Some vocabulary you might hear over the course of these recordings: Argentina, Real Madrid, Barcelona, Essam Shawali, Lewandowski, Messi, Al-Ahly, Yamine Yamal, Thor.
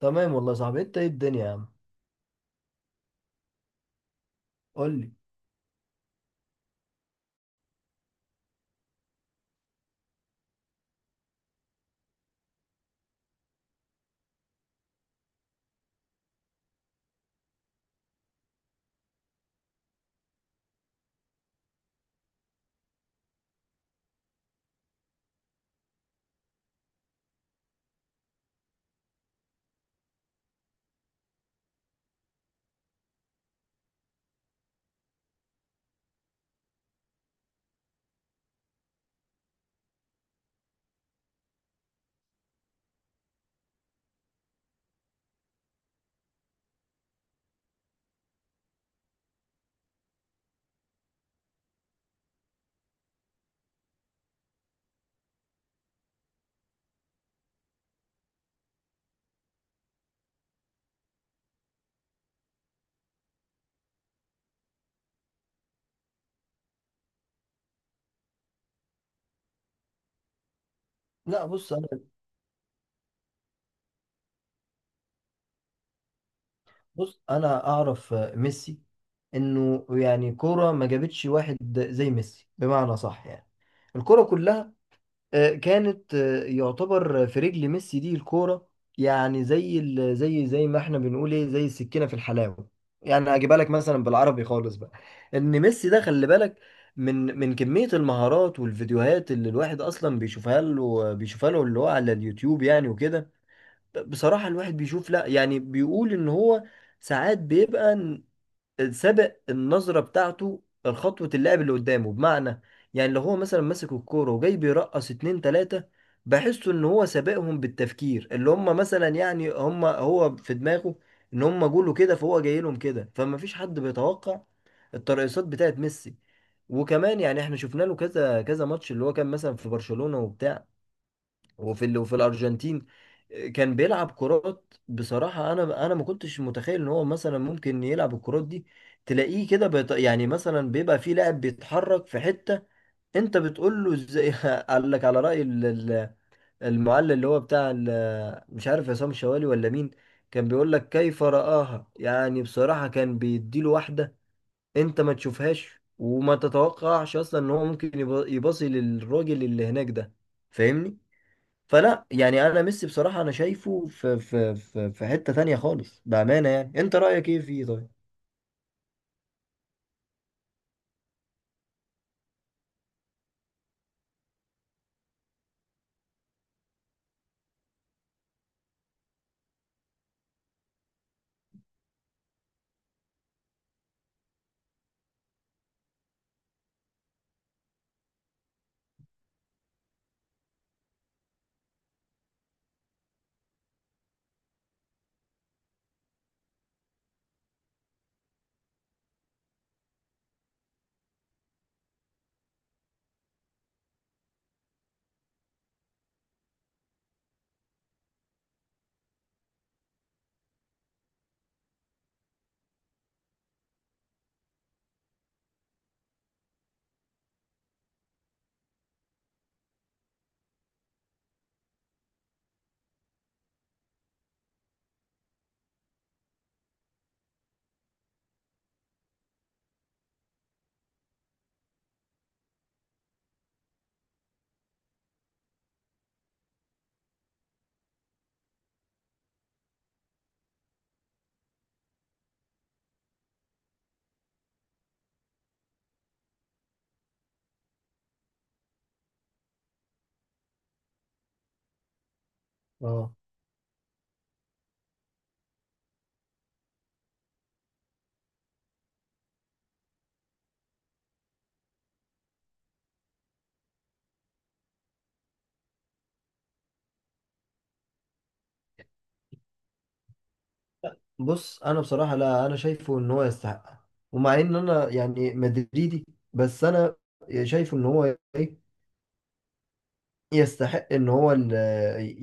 تمام والله يا صاحبي، انت ايه الدنيا يا عم؟ قول لي. لا، بص انا اعرف ميسي، انه يعني كوره ما جابتش واحد زي ميسي بمعنى صح. يعني الكوره كلها كانت، يعتبر في رجل ميسي دي الكوره. يعني زي ال- زي زي ما احنا بنقول ايه، زي السكينه في الحلاوه. يعني هجيبها لك مثلا بالعربي خالص بقى، ان ميسي ده خلي بالك من كمية المهارات والفيديوهات، اللي الواحد أصلا بيشوفها له، اللي هو على اليوتيوب يعني وكده. بصراحة الواحد بيشوف، لا يعني بيقول ان هو ساعات بيبقى سابق النظرة بتاعته خطوة اللاعب اللي قدامه. بمعنى يعني لو هو مثلا ماسك الكورة وجاي بيرقص اتنين تلاتة، بحسه ان هو سابقهم بالتفكير، اللي هم مثلا يعني هم، هو في دماغه ان هم جوله كده، فهو جاي لهم كده، فما فيش حد بيتوقع الترقصات بتاعت ميسي. وكمان يعني احنا شفنا له كذا كذا ماتش، اللي هو كان مثلا في برشلونة وبتاع، وفي الارجنتين. كان بيلعب كرات بصراحه، انا ما كنتش متخيل ان هو مثلا ممكن يلعب الكرات دي. تلاقيه كده يعني مثلا بيبقى في لاعب بيتحرك في حته، انت بتقول له ازاي، قال لك على راي المعلق، اللي هو مش عارف، عصام شوالي ولا مين، كان بيقول لك كيف رآها. يعني بصراحه كان بيديله واحده انت ما تشوفهاش وما تتوقعش اصلا ان هو ممكن يباصي للراجل اللي هناك ده. فاهمني؟ فلا يعني انا ميسي بصراحة انا شايفه في حتة تانية خالص بأمانة. يعني انت رأيك ايه فيه طيب؟ اه، بص انا بصراحة، لا انا شايفه ان هو يستحق. ومع ان انا يعني مدريدي، بس انا شايفه ان هو ايه، يستحق ان هو ال-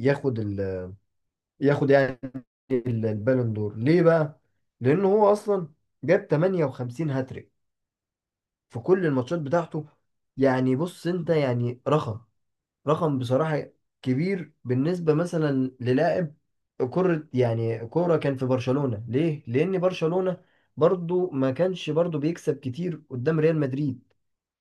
ياخد ال ياخد يعني البالون دور. ليه بقى؟ لانه هو اصلا جاب 58 هاتريك في كل الماتشات بتاعته. يعني بص انت يعني، رقم بصراحة كبير بالنسبة مثلا للاعب كرة، يعني كورة، كان في برشلونة ليه؟ لأن برشلونة برضو ما كانش برضو بيكسب كتير قدام ريال مدريد.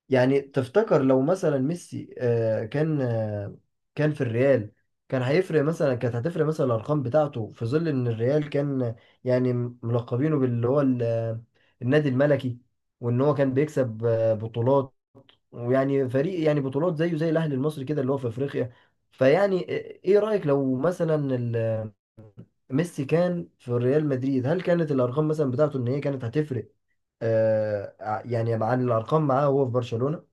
يعني تفتكر لو مثلا ميسي كان في الريال، كانت هتفرق مثلا الأرقام بتاعته، في ظل إن الريال كان يعني ملقبينه باللي هو النادي الملكي، وإن هو كان بيكسب بطولات، ويعني فريق يعني بطولات زيه زي الاهلي المصري كده، اللي هو في افريقيا. فيعني إيه رايك لو مثلا ميسي كان في ريال مدريد، هل كانت الارقام مثلا بتاعته ان هي كانت هتفرق يعني عن الارقام معاه وهو في برشلونه؟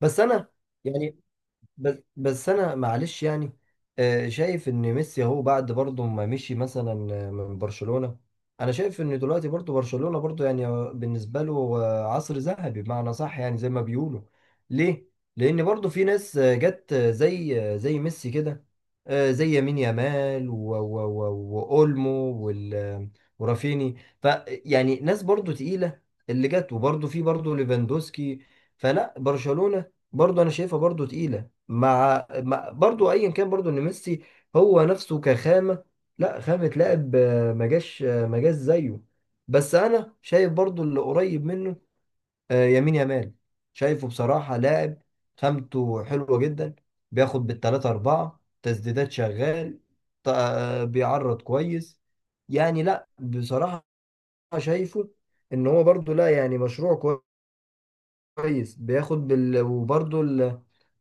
بس انا يعني بس انا معلش يعني، شايف ان ميسي هو بعد برضه ما مشي مثلا من برشلونة. انا شايف ان دلوقتي برضه برشلونة برضه يعني بالنسبة له عصر ذهبي بمعنى صح، يعني زي ما بيقولوا. ليه؟ لان برضه في ناس جت، زي ميسي كده، زي يمين يامال واولمو، وال- آه، ورافيني. فيعني ناس برضه تقيلة اللي جت، وبرضه في برضه ليفاندوسكي. فلا برشلونة برضه انا شايفها برضه تقيلة، مع برضو ايا كان، برضو ان ميسي هو نفسه كخامه، لا، خامه لاعب ما جاش زيه. بس انا شايف برضو اللي قريب منه يمين يامال، شايفه بصراحه لاعب خامته حلوه جدا، بياخد بالتلاتة أربعة تسديدات شغال، بيعرض كويس. يعني لا بصراحه شايفه ان هو برضو، لا يعني مشروع كويس بياخد وبرضه ال...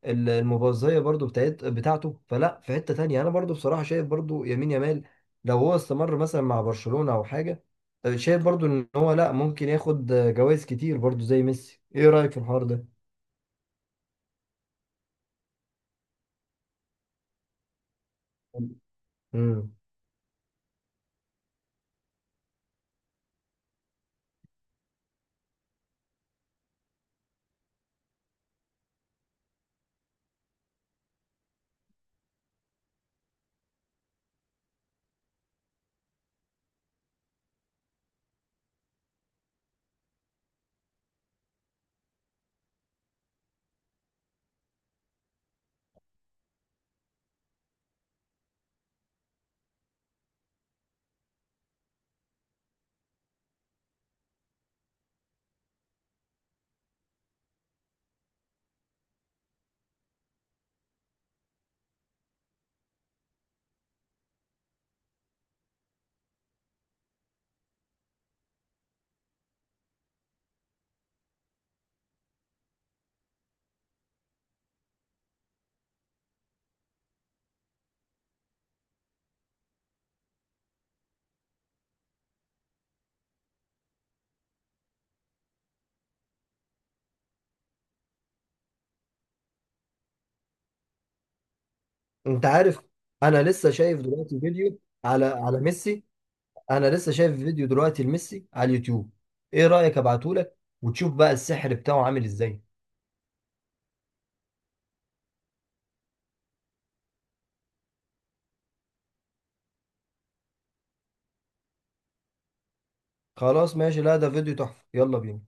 ال- المبازية برضه بتاعته. فلا في حتة تانية، انا برضه بصراحة شايف برضه يمين يامال، لو هو استمر مثلا مع برشلونة او حاجة، شايف برضه ان هو لا ممكن ياخد جوائز كتير برضه زي ميسي. ايه رأيك في الحوار ده؟ امم. انت عارف، انا لسه شايف دلوقتي فيديو على ميسي، انا لسه شايف فيديو دلوقتي لميسي على اليوتيوب. ايه رأيك ابعتهولك وتشوف بقى السحر بتاعه عامل ازاي؟ خلاص ماشي، لا ده فيديو تحفة، يلا بينا.